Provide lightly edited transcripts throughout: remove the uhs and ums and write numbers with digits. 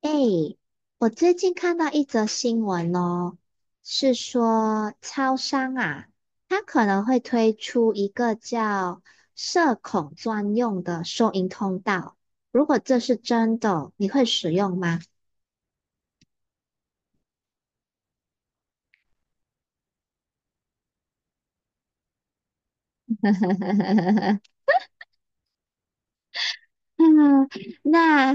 哎，我最近看到一则新闻哦，是说超商啊，它可能会推出一个叫社恐专用的收银通道。如果这是真的，你会使用吗？嗯，那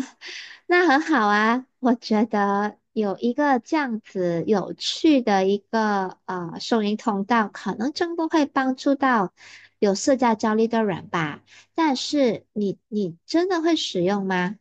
那很好啊，我觉得有一个这样子有趣的一个收银通道，可能真的会帮助到有社交焦虑的人吧。但是你真的会使用吗？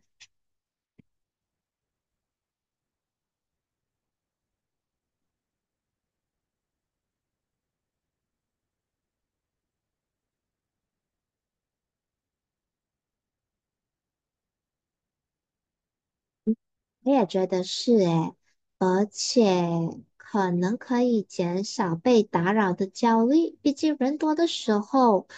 我也觉得是诶，而且可能可以减少被打扰的焦虑。毕竟人多的时候，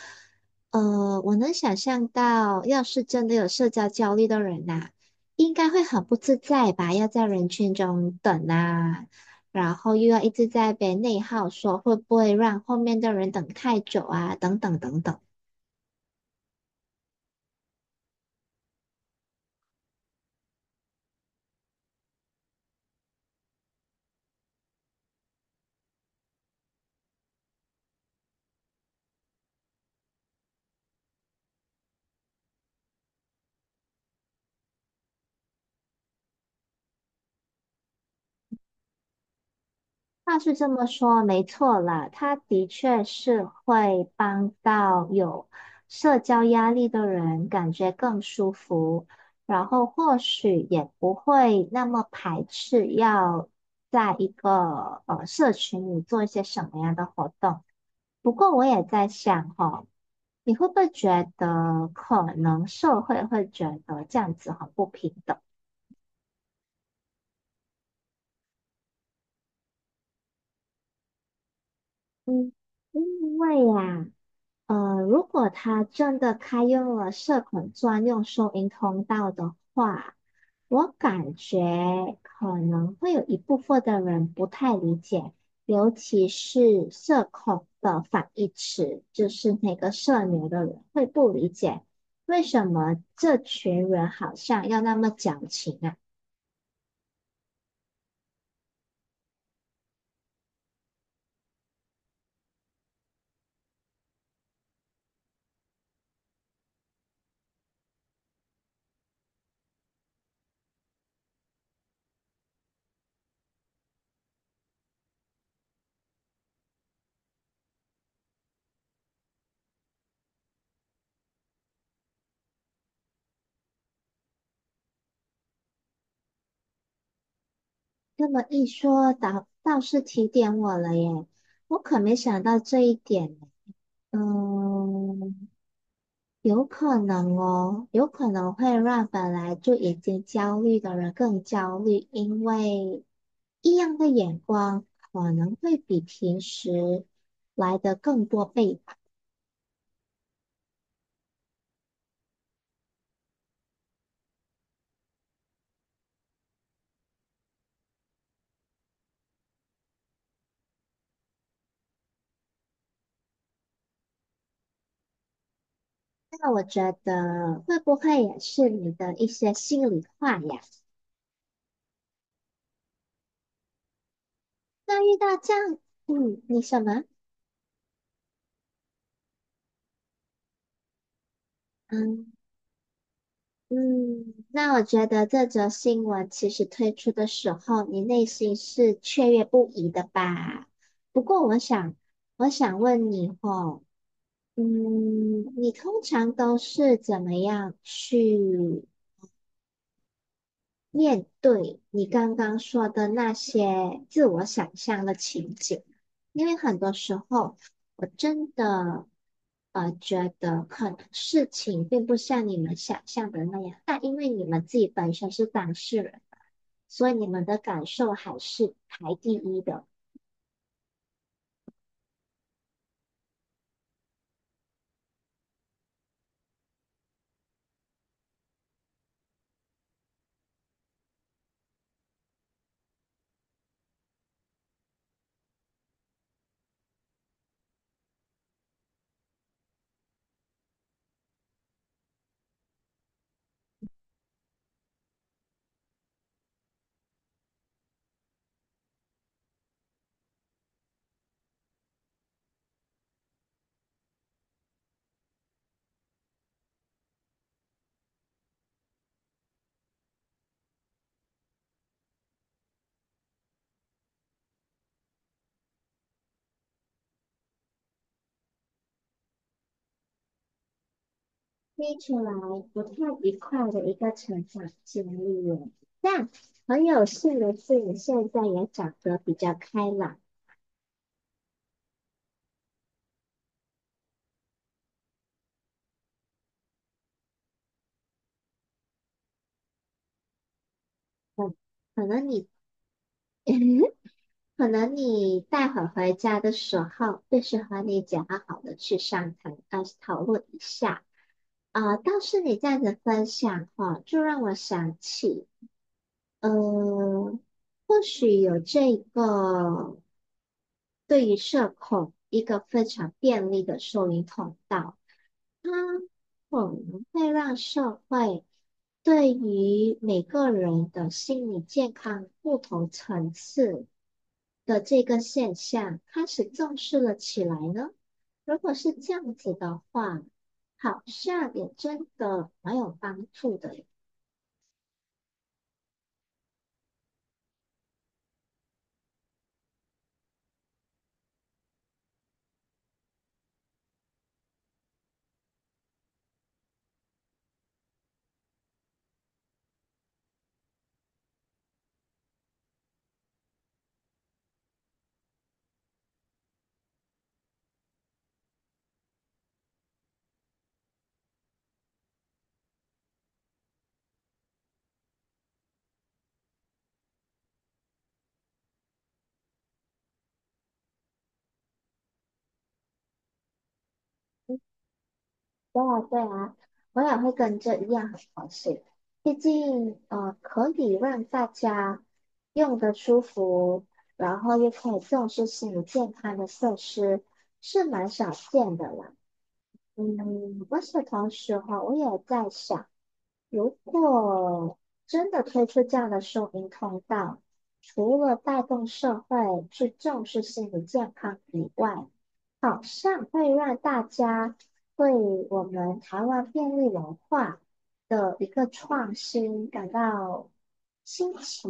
我能想象到，要是真的有社交焦虑的人呐，应该会很不自在吧？要在人群中等啊，然后又要一直在被内耗说，会不会让后面的人等太久啊？等等等等。话是这么说，没错啦，他的确是会帮到有社交压力的人感觉更舒服，然后或许也不会那么排斥要在一个社群里做一些什么样的活动。不过我也在想哦，你会不会觉得可能社会会觉得这样子很不平等？嗯，因为呀。如果他真的开用了社恐专用收银通道的话，我感觉可能会有一部分的人不太理解，尤其是社恐的反义词，就是那个社牛的人会不理解，为什么这群人好像要那么矫情啊？那么一说，倒是提点我了耶，我可没想到这一点呢。嗯。有可能哦，有可能会让本来就已经焦虑的人更焦虑，因为异样的眼光可能会比平时来的更多倍吧。那我觉得会不会也是你的一些心里话呀？那遇到这样，嗯，你什么？嗯。嗯，那我觉得这则新闻其实推出的时候，你内心是雀跃不已的吧？不过我想，我想问你哦，嗯，你通常都是怎么样去？面对你刚刚说的那些自我想象的情景，因为很多时候我真的觉得很能事情并不像你们想象的那样，但因为你们自己本身是当事人，所以你们的感受还是排第一的，听起来不太愉快的一个成长经历耶。但很有幸的是，你现在也长得比较开朗。嗯，可能你。可能你待会儿回家的时候，就是和你讲好的去商谈，讨论一下。啊，倒是你这样子分享哈，就让我想起，呃，或许有这个对于社恐一个非常便利的收银通道。我们会让社会对于每个人的心理健康不同层次的这个现象开始重视了起来呢？如果是这样子的话，好像也真的蛮有帮助的。对啊，对啊，我也会跟这一样很高兴。毕竟，可以让大家用的舒服，然后又可以重视心理健康的设施，是蛮少见的啦。嗯，我是同时哈，我也在想。如果真的推出这样的收银通道，除了带动社会去重视心理健康以外，好像会让大家对我们台湾便利文化的一个创新感到新奇。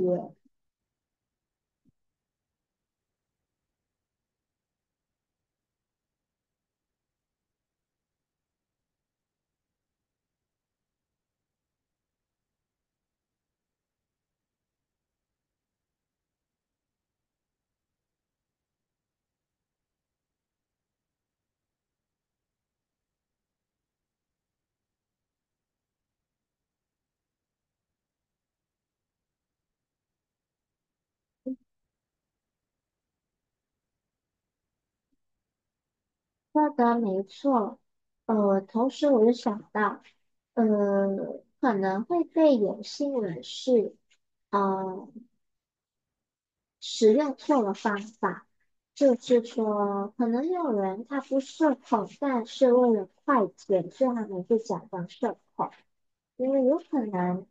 说的没错，同时我又想到，呃，可能会被有心人士。呃，使用错了方法，就是说，可能有人他不社恐，但是为了快捷，所以他们就假装社恐，因为有可能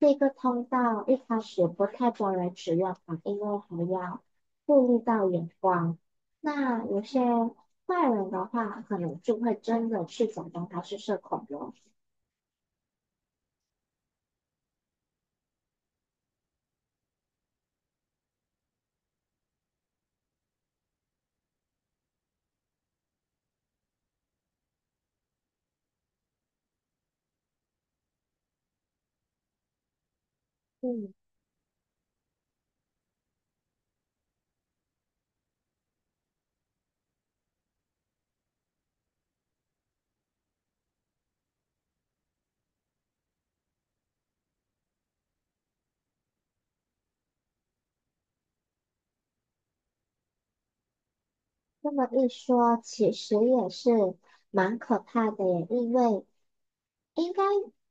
这个通道一开始不太多人使用啊，因为还要顾虑到眼光。那有些坏人的话，可能就会真的去假装他是社恐了。嗯，这么一说，其实也是蛮可怕的耶，因为。应该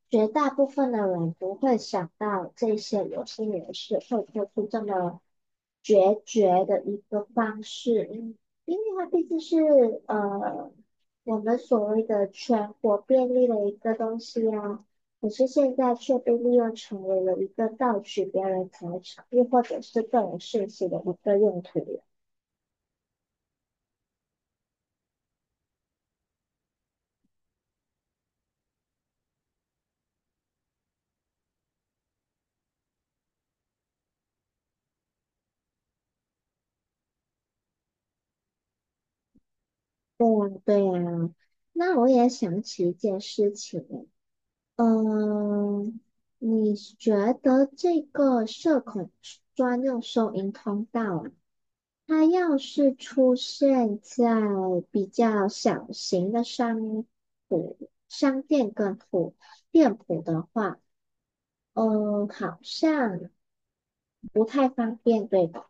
绝大部分的人不会想到这些有心人士会做出这么决绝的一个方式，因为它毕竟是呃我们所谓的全国便利的一个东西啊，可是现在却被利用成为了一个盗取别人财产，又或者是个人信息的一个用途。对呀，对呀。那我也想起一件事情，嗯，你觉得这个社恐专用收银通道啊它要是出现在比较小型的商铺、商店跟铺店铺的话，嗯，好像不太方便，对吧？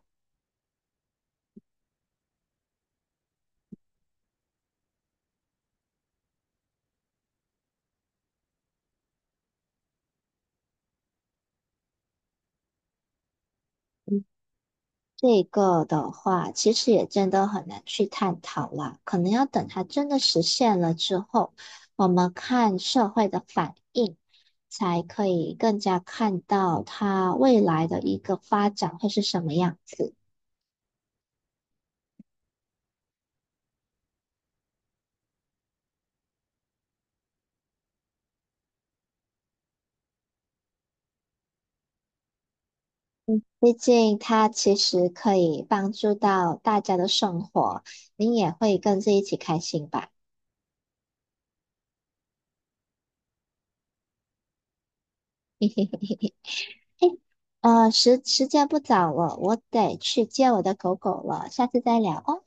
这个的话，其实也真的很难去探讨啦，可能要等它真的实现了之后，我们看社会的反应，才可以更加看到它未来的一个发展会是什么样子。毕竟它其实可以帮助到大家的生活，你也会跟着一起开心吧。时间不早了，我得去接我的狗狗了，下次再聊哦。